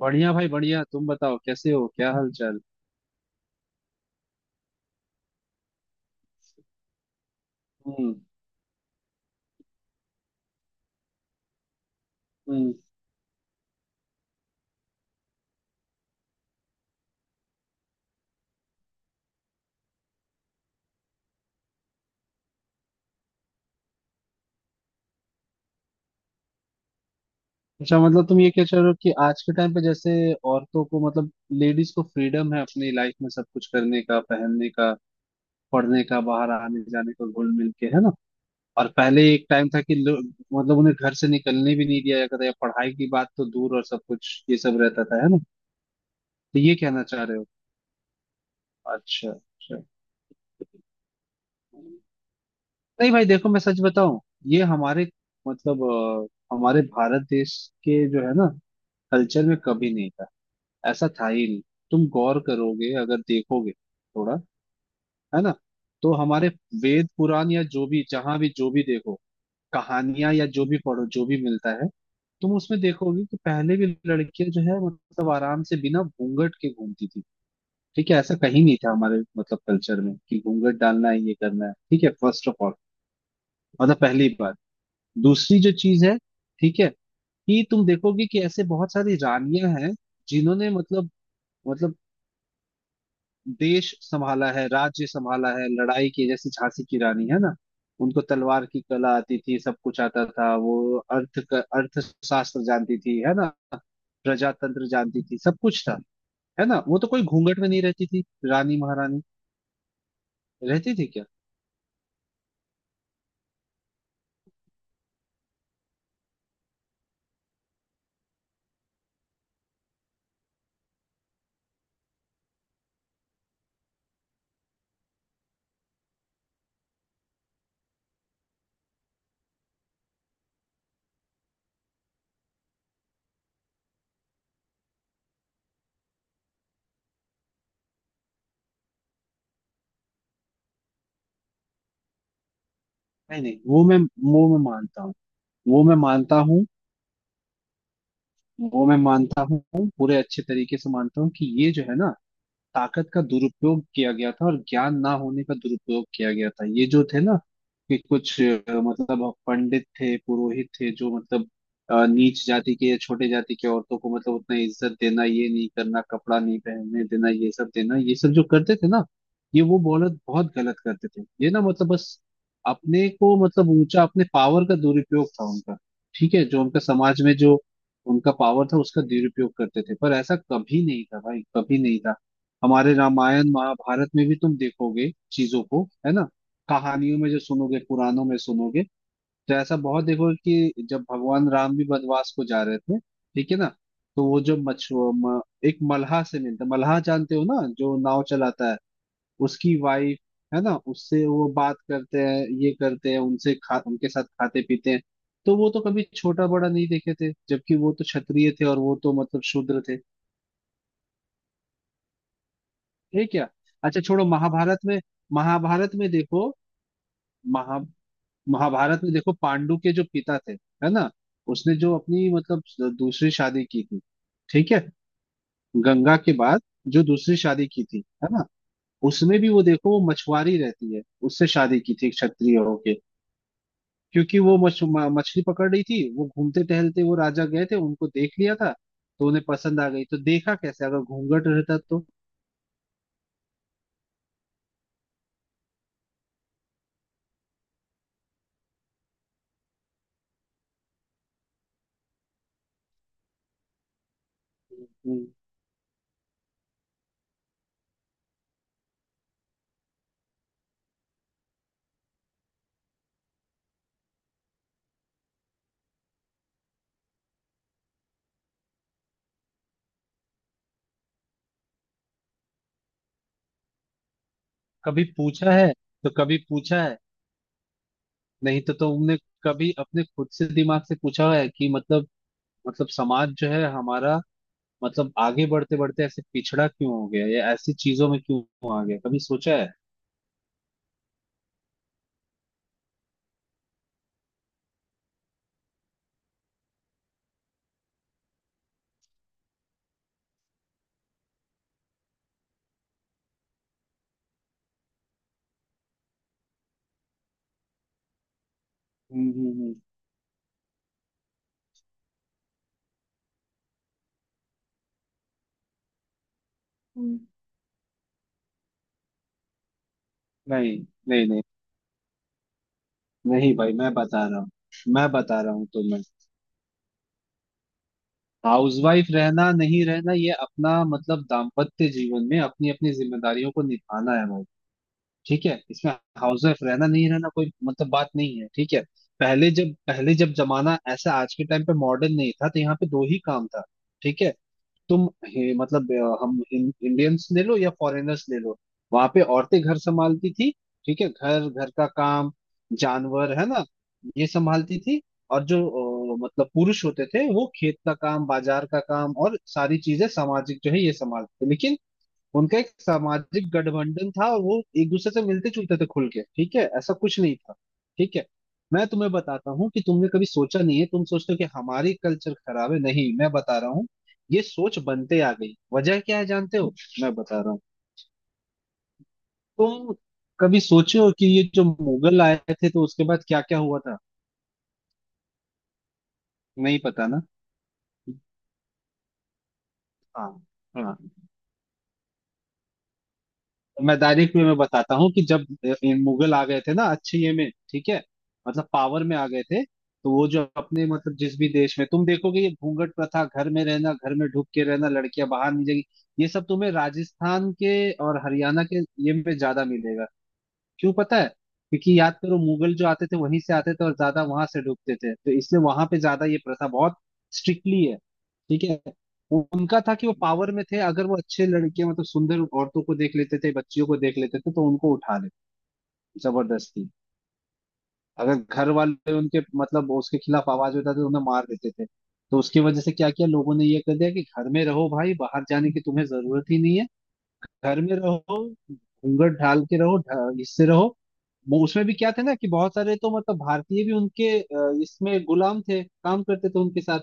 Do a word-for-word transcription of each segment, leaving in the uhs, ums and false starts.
बढ़िया भाई बढ़िया। तुम बताओ कैसे हो, क्या हाल चाल। हम्म। हम्म। अच्छा, मतलब तुम ये क्या चाह रहे हो कि आज के टाइम पे जैसे औरतों को मतलब लेडीज को फ्रीडम है अपनी लाइफ में सब कुछ करने का, पहनने का, पढ़ने का, बाहर आने जाने का, घुल मिल के, है ना। और पहले एक टाइम था कि लोग मतलब उन्हें घर से निकलने भी नहीं दिया जाता था, या पढ़ाई की बात तो दूर, और सब कुछ ये सब रहता था, है ना। तो ये कहना चाह रहे हो। अच्छा। अच्छा। नहीं भाई, देखो, मैं सच बताऊं, ये हमारे मतलब अ, हमारे भारत देश के जो है ना कल्चर में कभी नहीं था। ऐसा था ही नहीं। तुम गौर करोगे अगर देखोगे थोड़ा, है ना। तो हमारे वेद पुराण या जो भी, जहां भी जो भी देखो, कहानियां या जो भी पढ़ो जो भी मिलता है, तुम उसमें देखोगे कि पहले भी लड़कियां जो है मतलब आराम से बिना घूंघट के घूमती थी। ठीक है, ऐसा कहीं नहीं था हमारे मतलब कल्चर में कि घूंघट डालना है, ये करना है। ठीक है, फर्स्ट ऑफ ऑल, मतलब पहली बात। दूसरी जो चीज है, ठीक है, कि तुम देखोगे कि ऐसे बहुत सारी रानियां हैं जिन्होंने मतलब मतलब देश संभाला है, राज्य संभाला है, लड़ाई की, जैसे झांसी की रानी है ना। उनको तलवार की कला आती थी, सब कुछ आता था। वो अर्थ क- अर्थशास्त्र जानती थी, है ना। प्रजातंत्र जानती थी, सब कुछ था, है ना। वो तो कोई घूंघट में नहीं रहती थी। रानी महारानी रहती थी क्या। नहीं नहीं, वो मैं वो मैं मानता हूँ वो मैं मानता हूँ वो मैं मानता हूँ पूरे अच्छे तरीके से, मानता हूँ कि ये जो है ना, ताकत का दुरुपयोग किया गया था, और ज्ञान ना होने का दुरुपयोग किया गया था। ये जो थे ना, कि कुछ अ, मतलब पंडित थे, पुरोहित थे, जो मतलब अ, नीच जाति के या छोटे जाति के औरतों को मतलब उतना इज्जत देना, ये नहीं करना, कपड़ा नहीं पहनने देना, ये सब देना, ये सब जो करते थे ना, ये वो बहुत बहुत गलत करते थे। ये ना मतलब बस अपने को मतलब ऊंचा, अपने पावर का दुरुपयोग था उनका। ठीक है, जो उनका समाज में जो उनका पावर था उसका दुरुपयोग करते थे, पर ऐसा कभी नहीं था भाई, कभी नहीं था। हमारे रामायण महाभारत में भी तुम देखोगे चीजों को, है ना। कहानियों में जो सुनोगे, पुराणों में सुनोगे, तो ऐसा बहुत देखोगे, कि जब भगवान राम भी वनवास को जा रहे थे, ठीक है ना, तो वो जो मछुआ म, एक मल्हा से मिलता, मल्हा जानते हो ना जो नाव चलाता है, उसकी वाइफ, है ना, उससे वो बात करते हैं, ये करते हैं, उनसे खा, उनके साथ खाते पीते हैं। तो वो तो कभी छोटा बड़ा नहीं देखे थे, जबकि वो तो क्षत्रिय थे और वो तो मतलब शूद्र थे। है क्या। अच्छा छोड़ो, महाभारत में, महाभारत में देखो, महा महाभारत में देखो, पांडु के जो पिता थे, है ना, उसने जो अपनी मतलब दूसरी शादी की थी, ठीक है, गंगा के बाद जो दूसरी शादी की थी, है ना, उसमें भी वो देखो, वो मछुआरी रहती है, उससे शादी की थी क्षत्रिय होके। क्योंकि वो मछ, म- मछली पकड़ रही थी, वो घूमते टहलते वो राजा गए थे, उनको देख लिया था, तो उन्हें पसंद आ गई। तो देखा कैसे, अगर घूंघट रहता तो। हम्म। कभी पूछा है, तो कभी पूछा है, नहीं तो तुमने कभी अपने खुद से दिमाग से पूछा है कि मतलब मतलब समाज जो है हमारा मतलब आगे बढ़ते बढ़ते ऐसे पिछड़ा क्यों हो गया, या ऐसी चीजों में क्यों आ गया, कभी सोचा है। हम्म। हम्म। हम्म। हम्म। नहीं नहीं। नहीं नहीं भाई, मैं बता रहा हूँ मैं बता रहा हूँ तुम्हें। हाउसवाइफ रहना नहीं रहना, ये अपना मतलब दाम्पत्य जीवन में अपनी अपनी जिम्मेदारियों को निभाना है भाई। ठीक है, इसमें हाउस वाइफ रहना नहीं रहना कोई मतलब बात नहीं है। ठीक है। पहले जब पहले जब जमाना ऐसा आज के टाइम पे मॉडर्न नहीं था, तो यहाँ पे दो ही काम था। ठीक है, तुम हे- मतलब अ, हम इन, इंडियंस ले लो या फॉरेनर्स ले लो, वहां पे औरतें घर संभालती थी। ठीक है, घर घर का काम, जानवर है ना, ये संभालती थी। और जो अ, मतलब पुरुष होते थे, वो खेत का काम, बाजार का काम, और सारी चीजें सामाजिक जो है, ये संभालते थे, लेकिन उनका एक सामाजिक गठबंधन था, और वो एक दूसरे से मिलते जुलते थे खुल के। ठीक है, ऐसा कुछ नहीं था। ठीक है, मैं तुम्हें बताता हूँ कि तुमने कभी सोचा नहीं है, तुम सोचते हो कि हमारी कल्चर खराब है, नहीं मैं बता रहा हूँ। ये सोच बनते आ गई, वजह क्या है जानते हो। मैं बता रहा हूँ, तुम कभी सोचे हो कि ये जो मुगल आए थे, तो उसके बाद क्या क्या हुआ था। नहीं पता ना। हाँ। हाँ। मैं डायरेक्ट वे में बताता हूँ कि जब अ, इन मुगल आ गए थे ना, अच्छे ये में, ठीक है, मतलब पावर में आ गए थे, तो वो जो अपने मतलब जिस भी देश में तुम देखोगे, ये घूंघट प्रथा, घर में रहना, घर में ढुक के रहना, लड़कियां बाहर नहीं जाएगी, ये सब तुम्हें राजस्थान के और हरियाणा के ये में ज्यादा मिलेगा। क्यों पता है। क्योंकि याद करो, मुगल जो आते थे वहीं से आते थे और ज्यादा वहां से डूबते थे, तो इसलिए वहां पे ज्यादा ये प्रथा बहुत स्ट्रिक्टली है। ठीक है, उ- उनका था कि वो पावर में थे, अगर वो अच्छे लड़के मतलब सुंदर औरतों को देख लेते थे, बच्चियों को देख लेते थे, तो उनको उठा लेते, जबरदस्ती। अगर घर वाले उनके मतलब उसके खिलाफ आवाज उठाते, तो उन्हें मार देते थे। तो उसकी वजह से क्या किया लोगों ने, ये कर दिया कि घर में रहो भाई, बाहर जाने की तुम्हें जरूरत ही नहीं है, घर में रहो, घूंघट ढाल के रहो, ढा- इससे रहो। वो उसमें भी क्या थे ना कि बहुत सारे तो मतलब भारतीय भी उनके अ, इसमें गुलाम थे, काम करते थे उनके साथ,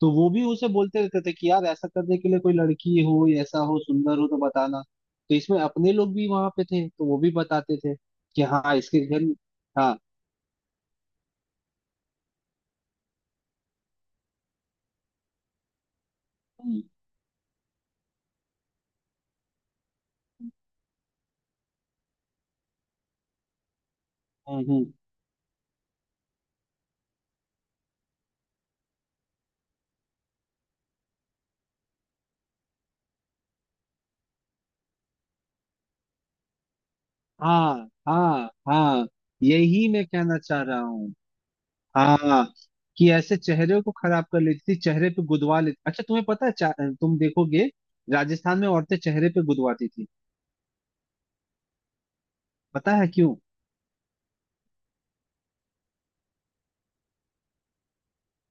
तो वो भी उसे बोलते रहते थे कि यार ऐसा करने के लिए कोई लड़की हो या ऐसा हो, सुंदर हो तो बताना। तो इसमें अपने लोग भी वहां पे थे, तो वो भी बताते थे कि हाँ इसके घर। हाँ। हम्म। हम्म। हम्म। हाँ हाँ हाँ। यही मैं कहना चाह रहा हूँ। हाँ। कि ऐसे चेहरे को खराब कर लेती थी, चेहरे पे गुदवा लेती। अच्छा तुम्हें पता है चा- तुम देखोगे, राजस्थान में औरतें चेहरे पे गुदवाती थी। पता है क्यों।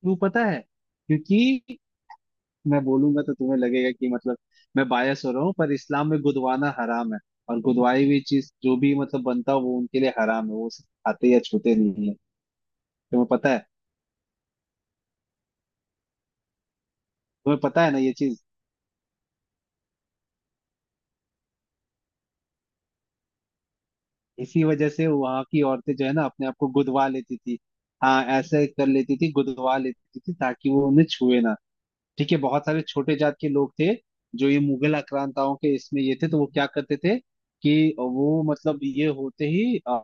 क्यों पता है। क्योंकि मैं बोलूंगा तो तुम्हें लगेगा कि मतलब मैं बायस हो रहा हूँ, पर इस्लाम में गुदवाना हराम है। और गुदवाई हुई चीज जो भी मतलब बनता है, वो उनके लिए हराम है, वो उसे खाते या छूते नहीं है। तुम्हें पता है, तुम्हें पता है ना ये चीज। इसी वजह से वहां की औरतें जो है ना अपने आप को गुदवा लेती थी। हाँ ऐसे कर लेती थी, गुदवा लेती थी, ताकि वो उन्हें छुए ना। ठीक है, बहुत सारे छोटे जात के लोग थे, जो ये मुगल आक्रांताओं के इसमें ये थे, तो वो क्या करते थे कि वो मतलब ये होते ही आ,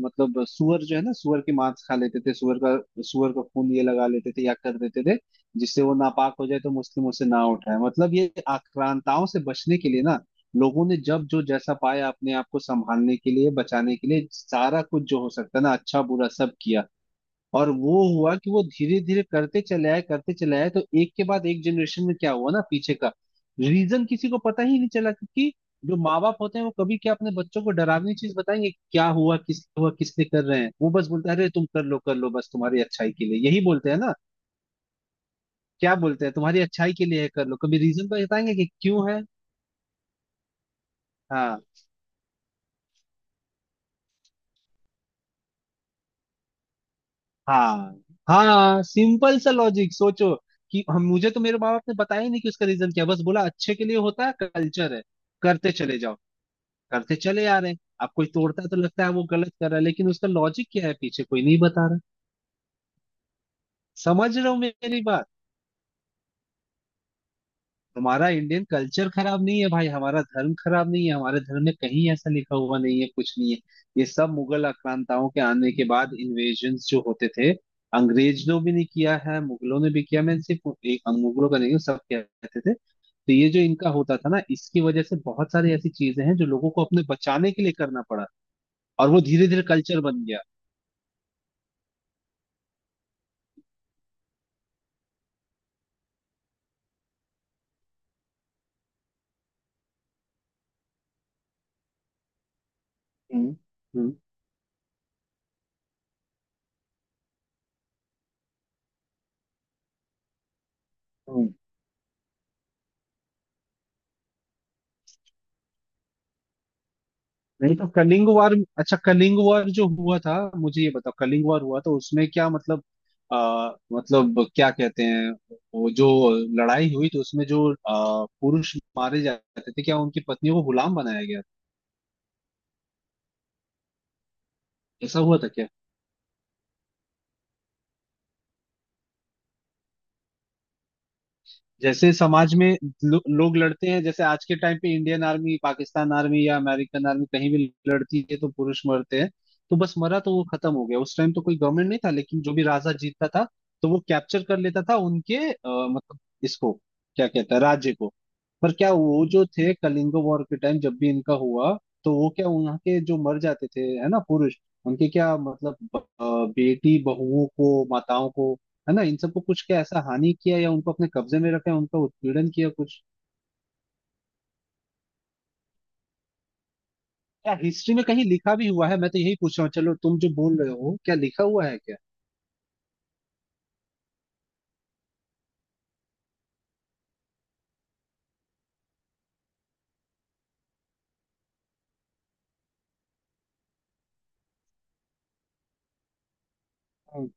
मतलब सुअर जो है ना, सुअर के मांस खा लेते थे, सुअर का सुअर का खून ये लगा लेते थे या कर देते थे, जिससे वो नापाक हो जाए, तो मुस्लिम उसे ना उठाए, मतलब ये आक्रांताओं से बचने के लिए ना लोगों ने जब जो जैसा पाया अपने आप को संभालने के लिए, बचाने के लिए, सारा कुछ जो हो सकता है ना, अच्छा बुरा सब किया। और वो हुआ कि वो धीरे धीरे करते चले आए, करते चले आए, तो एक के बाद एक जनरेशन में क्या हुआ ना, पीछे का रीजन किसी को पता ही नहीं चला। क्योंकि जो माँ बाप होते हैं वो कभी क्या अपने बच्चों को डरावनी चीज बताएंगे कि क्या हुआ, किस हुआ, किसने कर रहे हैं, वो बस बोलते हैं अरे तुम कर लो कर लो, बस तुम्हारी अच्छाई के लिए, यही बोलते हैं ना। क्या बोलते हैं, तुम्हारी अच्छाई के लिए है, कर लो, कभी रीजन तो बताएंगे कि क्यों है। हाँ। हाँ। हाँ, सिंपल सा लॉजिक सोचो कि हम, मुझे तो मेरे माँ बाप ने बताया ही नहीं कि उसका रीजन क्या है, बस बोला अच्छे के लिए होता है, कल्चर है, करते चले जाओ। करते चले आ रहे हैं, अब कोई तोड़ता है तो लगता है वो गलत कर रहा है, लेकिन उसका लॉजिक क्या है पीछे कोई नहीं बता रहा। समझ रहे हो मेरी बात। हमारा इंडियन कल्चर खराब नहीं है भाई, हमारा धर्म खराब नहीं है, हमारे धर्म में कहीं ऐसा लिखा हुआ नहीं है, कुछ नहीं है। ये सब मुगल आक्रांताओं के आने के बाद इन्वेजन जो होते थे, अंग्रेजों भी नहीं किया है, मुगलों ने भी किया, मैं सिर्फ एक मुगलों का नहीं हूँ, सब कहते थे, तो ये जो इनका होता था ना, इसकी वजह से बहुत सारी ऐसी चीजें हैं जो लोगों को अपने बचाने के लिए करना पड़ा। और वो धीरे धीरे कल्चर बन गया। हम्म। हम्म। हम्म। नहीं तो कलिंग वार, अच्छा कलिंग वार जो हुआ था, मुझे ये बताओ, कलिंग वार हुआ तो उसमें क्या मतलब आ, मतलब क्या कहते हैं, वो जो लड़ाई हुई तो उसमें जो आ, पुरुष मारे जाते थे, क्या उनकी पत्नियों को गुलाम बनाया गया था? ऐसा हुआ था क्या। जैसे समाज में लो, लोग लड़ते हैं, जैसे आज के टाइम पे इंडियन आर्मी, पाकिस्तान आर्मी या अमेरिकन आर्मी कहीं भी लड़ती है तो पुरुष मरते हैं, तो बस मरा तो वो खत्म हो गया। उस टाइम तो कोई गवर्नमेंट नहीं था, लेकिन जो भी राजा जीतता था, तो वो कैप्चर कर लेता था उनके अ, मतलब इसको क्या कहता है, राज्य को। पर क्या वो जो थे कलिंग वॉर के टाइम जब भी इनका हुआ, तो वो क्या वहाँ के जो मर जाते थे है ना पुरुष, उनके क्या मतलब ब- अ, बेटी बहुओं को, माताओं को, है ना, इन सबको कुछ क्या ऐसा हानि किया, या उनको अपने कब्जे में रखा, उनका उत्पीड़न किया कुछ। क्या हिस्ट्री में कहीं लिखा भी हुआ है, मैं तो यही पूछ रहा हूँ। चलो तुम जो बोल रहे हो क्या लिखा हुआ है क्या। हम्म।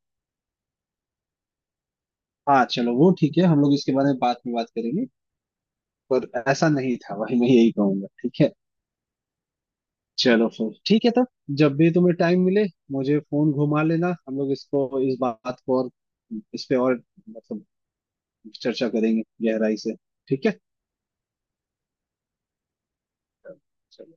हाँ चलो वो ठीक है, हम लोग इसके बारे में बाद में बात करेंगे। पर ऐसा नहीं था भाई, मैं यही कहूंगा, ठीक है। चलो फिर ठीक है तब, जब भी तुम्हें टाइम मिले मुझे फोन घुमा लेना, हम लोग इसको इस बात को और, इस पे और, मतलब चर्चा करेंगे, गहराई से। ठीक है। चलो।